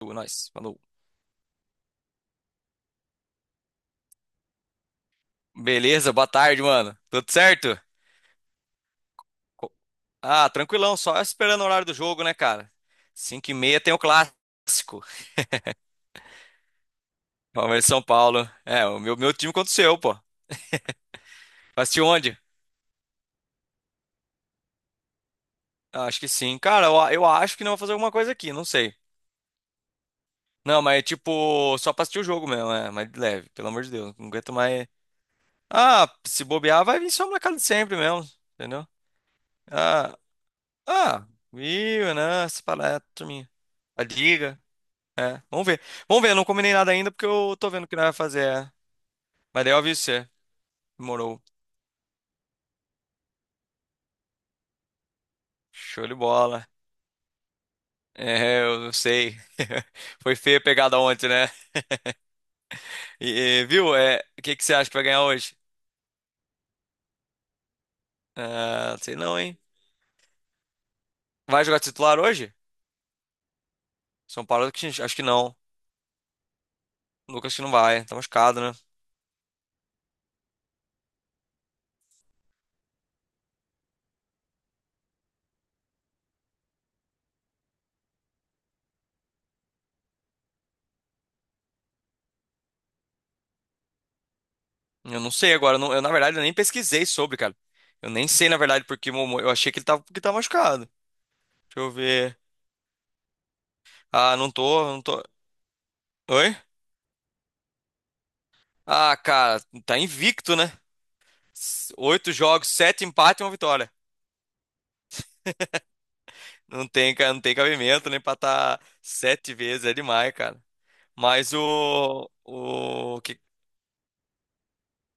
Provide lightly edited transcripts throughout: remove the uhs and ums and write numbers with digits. Nós, falou. Beleza, boa tarde, mano. Tudo certo? Co- Ah, tranquilão, só esperando o horário do jogo, né, cara? 5:30 tem o clássico. Palmeiras e São Paulo. É, o meu time contra o seu, pô. Vai assistir onde? Ah, acho que sim. Cara, eu acho que não vou fazer alguma coisa aqui, não sei. Não, mas tipo, só pra assistir o jogo mesmo, é, mas de leve, pelo amor de Deus. Não aguento mais. Ah, se bobear, vai vir só na casa de sempre mesmo, entendeu? Ah, ah, Viu, né? Essa palestra, minha. A liga. É, vamos ver. Vamos ver, eu não combinei nada ainda porque eu tô vendo o que nós vai fazer. É. Mas daí eu aviso você. Demorou. Show de bola. É, eu não sei. Foi feia a pegada ontem, né? E, Viu? É, o que que você acha que vai ganhar hoje? Ah, não sei não, hein? Vai jogar titular hoje? São Paulo, acho que não. Lucas que não vai. Tá machucado, né? Eu não sei agora. Eu não- eu, Na verdade, eu nem pesquisei sobre, cara. Eu nem sei, na verdade, porque eu achei que tava machucado. Deixa eu ver. Ah, não tô, não tô. Oi? Ah, cara, tá invicto, né? Oito jogos, sete empates e uma vitória. Não tem, não tem cabimento, nem pra estar sete vezes é demais, cara. Mas o que,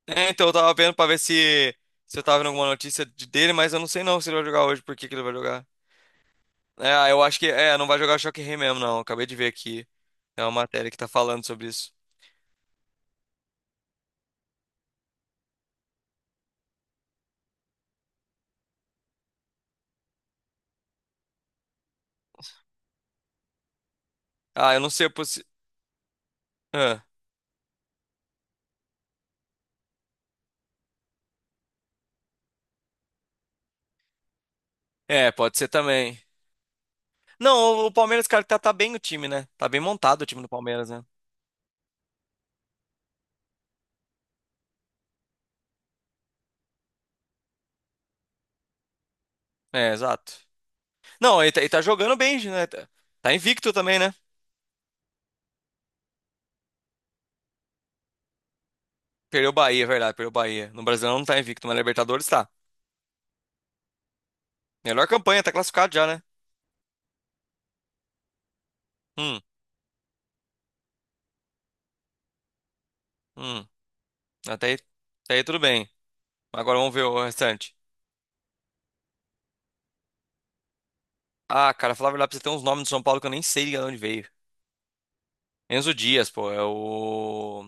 é, então eu tava vendo pra ver se, se eu tava vendo alguma notícia dele, mas eu não sei não se ele vai jogar hoje, por que que ele vai jogar. É, ah, eu acho que, é, não vai jogar Choque Rei mesmo, não. Acabei de ver aqui. É uma matéria que tá falando sobre isso. Ah, eu não sei. Ah, é, pode ser também. Não, o Palmeiras, cara, tá bem o time, né? Tá bem montado o time do Palmeiras, né? É, exato. Não, ele tá jogando bem, né? Tá tá invicto também, né? Perdeu o Bahia, é verdade, perdeu o Bahia. No Brasileirão não tá invicto, mas na Libertadores tá. Melhor campanha, tá classificado já, né? Hum, hum. Até aí, até aí tudo bem. Agora vamos ver o restante. Ah, cara, falar a verdade pra você, tem uns nomes do São Paulo que eu nem sei de onde veio. Enzo Dias, pô, é o.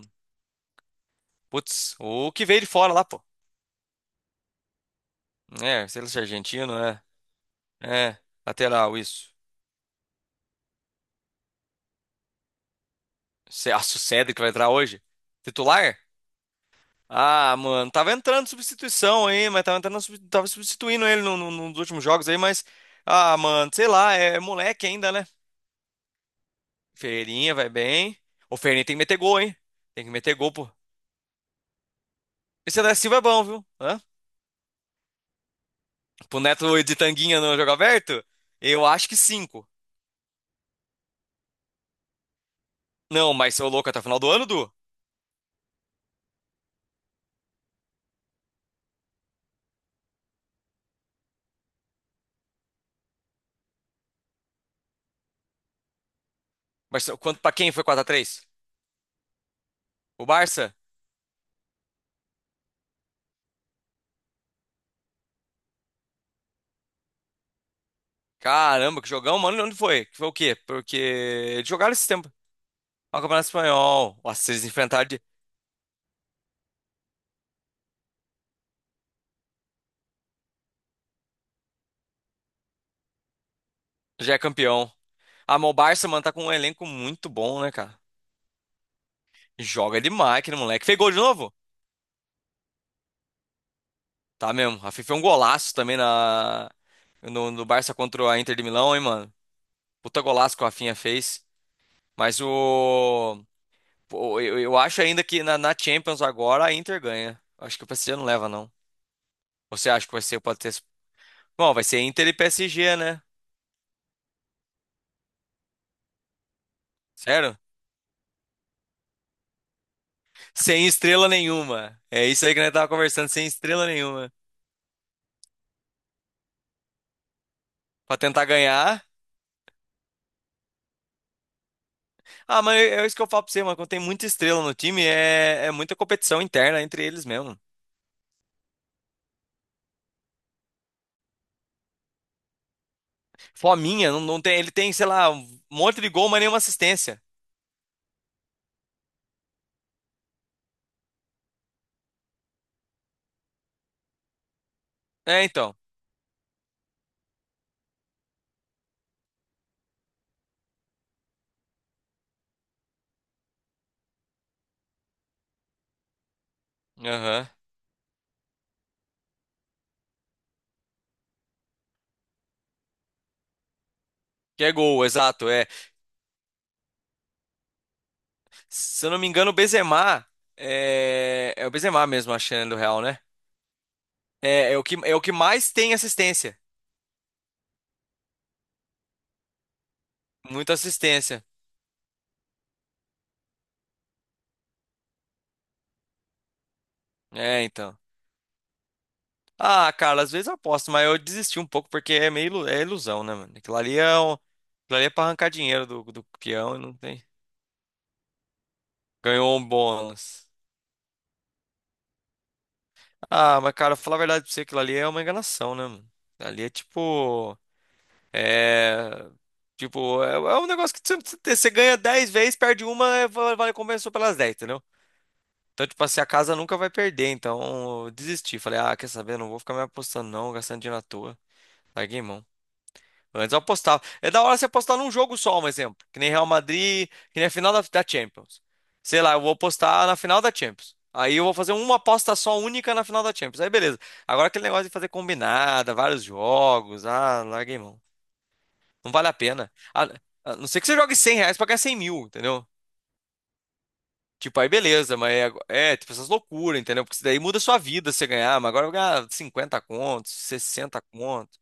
Putz, o que veio de fora lá, pô. É, sei lá se é argentino, né? É, lateral, isso. Nossa, o Cedric vai entrar hoje? Titular? Ah, mano, tava entrando substituição aí, mas tava entrando, tava substituindo ele nos últimos jogos aí, mas. Ah, mano, sei lá, é moleque ainda, né? Ferreirinha vai bem. O Ferreirinha tem que meter gol, hein? Tem que meter gol, pô. Esse da Silva é bom, viu? Hã? Pro Neto de Tanguinha no jogo aberto? Eu acho que cinco. Não, mas ô louco, até o final do ano, Du? Mas quanto pra quem foi 4-3? O Barça? Caramba, que jogão, mano. Onde foi? Que foi o quê? Porque eles jogaram esse tempo. Ó, o Campeonato Espanhol. Nossa, eles enfrentaram. Já é campeão. Ah, mas o Barça, mano, tá com um elenco muito bom, né, cara? Joga demais aquele moleque. Fez gol de novo? Tá mesmo. A FIFA é um golaço também no Barça contra a Inter de Milão, hein, mano? Puta golaço que o Rafinha fez. Mas pô, eu acho ainda que na Champions agora a Inter ganha. Acho que o PSG não leva, não. Você acha que vai ser. Pode ter. Bom, vai ser Inter e PSG, né? Sério? Sem estrela nenhuma. É isso aí que nós tava conversando, sem estrela nenhuma. Pra tentar ganhar. Ah, mas é isso que eu falo pra você, mano. Quando tem muita estrela no time, é muita competição interna entre eles mesmo. Fominha, não, não tem, ele tem, sei lá, um monte de gol, mas nenhuma assistência. É, então. Aham. Que é gol, exato. É. Se eu não me engano, é o Benzema mesmo, a chance do Real, né? É é o que mais tem assistência. Muita assistência. É, então. Ah, cara, às vezes eu aposto, mas eu desisti um pouco porque é meio é ilusão, né, mano? Aquilo ali é, um, aquilo ali é pra arrancar dinheiro do peão e não tem. Ganhou um bônus. Ah, mas cara, falar a verdade pra você, aquilo ali é uma enganação, né, mano? Ali é tipo. É. Tipo, é um negócio que você ganha 10 vezes, perde uma, vale compensou pelas 10 entendeu? Então, tipo assim, a casa nunca vai perder. Então, eu desisti. Falei, ah, quer saber? Não vou ficar me apostando, não, gastando dinheiro à toa. Larguei mão. Antes eu apostava. É da hora você apostar num jogo só, um exemplo. Que nem Real Madrid, que nem a final da Champions. Sei lá, eu vou apostar na final da Champions. Aí eu vou fazer uma aposta só única na final da Champions. Aí beleza. Agora aquele negócio de fazer combinada, vários jogos. Ah, larguei mão. Não vale a pena. A não ser que você jogue R$ 100 pra ganhar 100 mil, entendeu? Tipo, aí beleza, mas tipo essas loucuras, entendeu? Porque isso daí muda a sua vida se você ganhar. Mas agora eu vou ganhar 50 contos, 60 contos.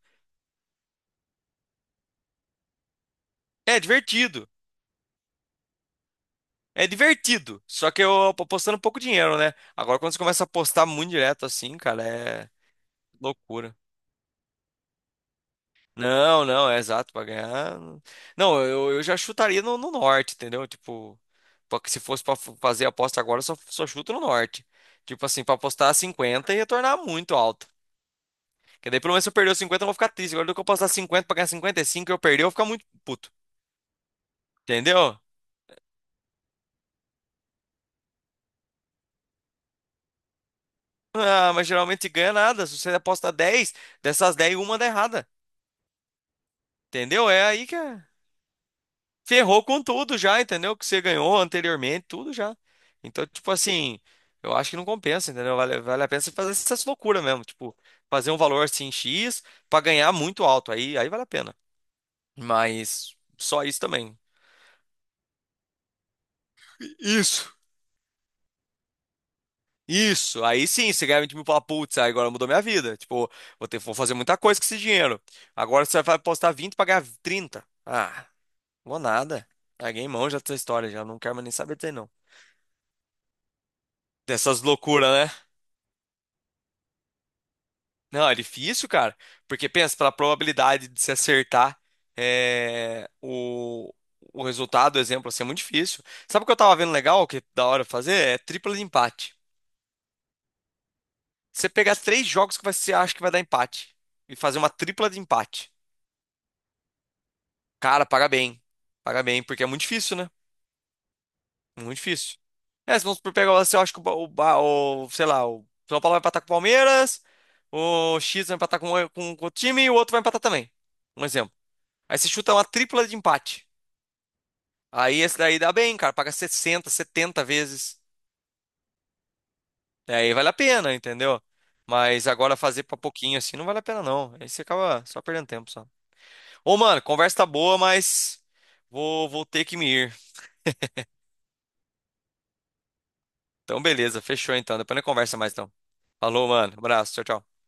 É divertido. É divertido, só que eu apostando pouco dinheiro, né? Agora quando você começa a apostar muito direto assim, cara, é loucura. Não, não, é exato, pra ganhar. Não, eu já chutaria no norte, entendeu? Tipo, pra que se fosse pra fazer a aposta agora, eu só chuto no norte. Tipo assim, pra apostar 50 e retornar muito alto. Porque daí pelo menos se eu perder os 50, eu vou ficar triste. Agora do que eu apostar 50 pra ganhar 55, e eu perder, eu vou ficar muito puto. Entendeu? Ah, mas geralmente ganha nada. Se você aposta 10 dessas 10, uma dá errada. Entendeu? É aí que é. Ferrou com tudo já, entendeu? Que você ganhou anteriormente, tudo já. Então, tipo assim, eu acho que não compensa, entendeu? Vale a pena você fazer essas loucuras mesmo, tipo, fazer um valor assim X pra ganhar muito alto, aí vale a pena. Mas só isso também. Isso. Isso, aí sim, você ganha 20 mil e fala, putz, aí agora mudou minha vida. Tipo, vou ter, vou fazer muita coisa com esse dinheiro. Agora você vai apostar 20 pra ganhar 30. Ah, vou nada. Larguei mão já dessa história, já não quero mais nem saber disso aí, não. Dessas loucuras. Não, é difícil, cara. Porque pensa, pela probabilidade de se acertar é, o resultado, o exemplo, assim, é muito difícil. Sabe o que eu tava vendo legal, que é da hora fazer? É tripla de empate. Você pegar três jogos que você acha que vai dar empate e fazer uma tripla de empate. Cara, paga bem. Paga bem, porque é muito difícil, né? Muito difícil. É, se vamos por pegar, você acha que sei lá, o São Paulo vai empatar com o Palmeiras, o X vai empatar com o time e o outro vai empatar também. Um exemplo. Aí você chuta uma tripla de empate. Aí esse daí dá bem, cara. Paga 60, 70 vezes. É, aí vale a pena, entendeu? Mas agora fazer pra pouquinho assim não vale a pena, não. Aí você acaba só perdendo tempo só. Ô, mano, conversa tá boa, mas vou ter que me ir. Então, beleza. Fechou então. Depois a gente conversa mais então. Falou, mano. Abraço. Tchau, tchau.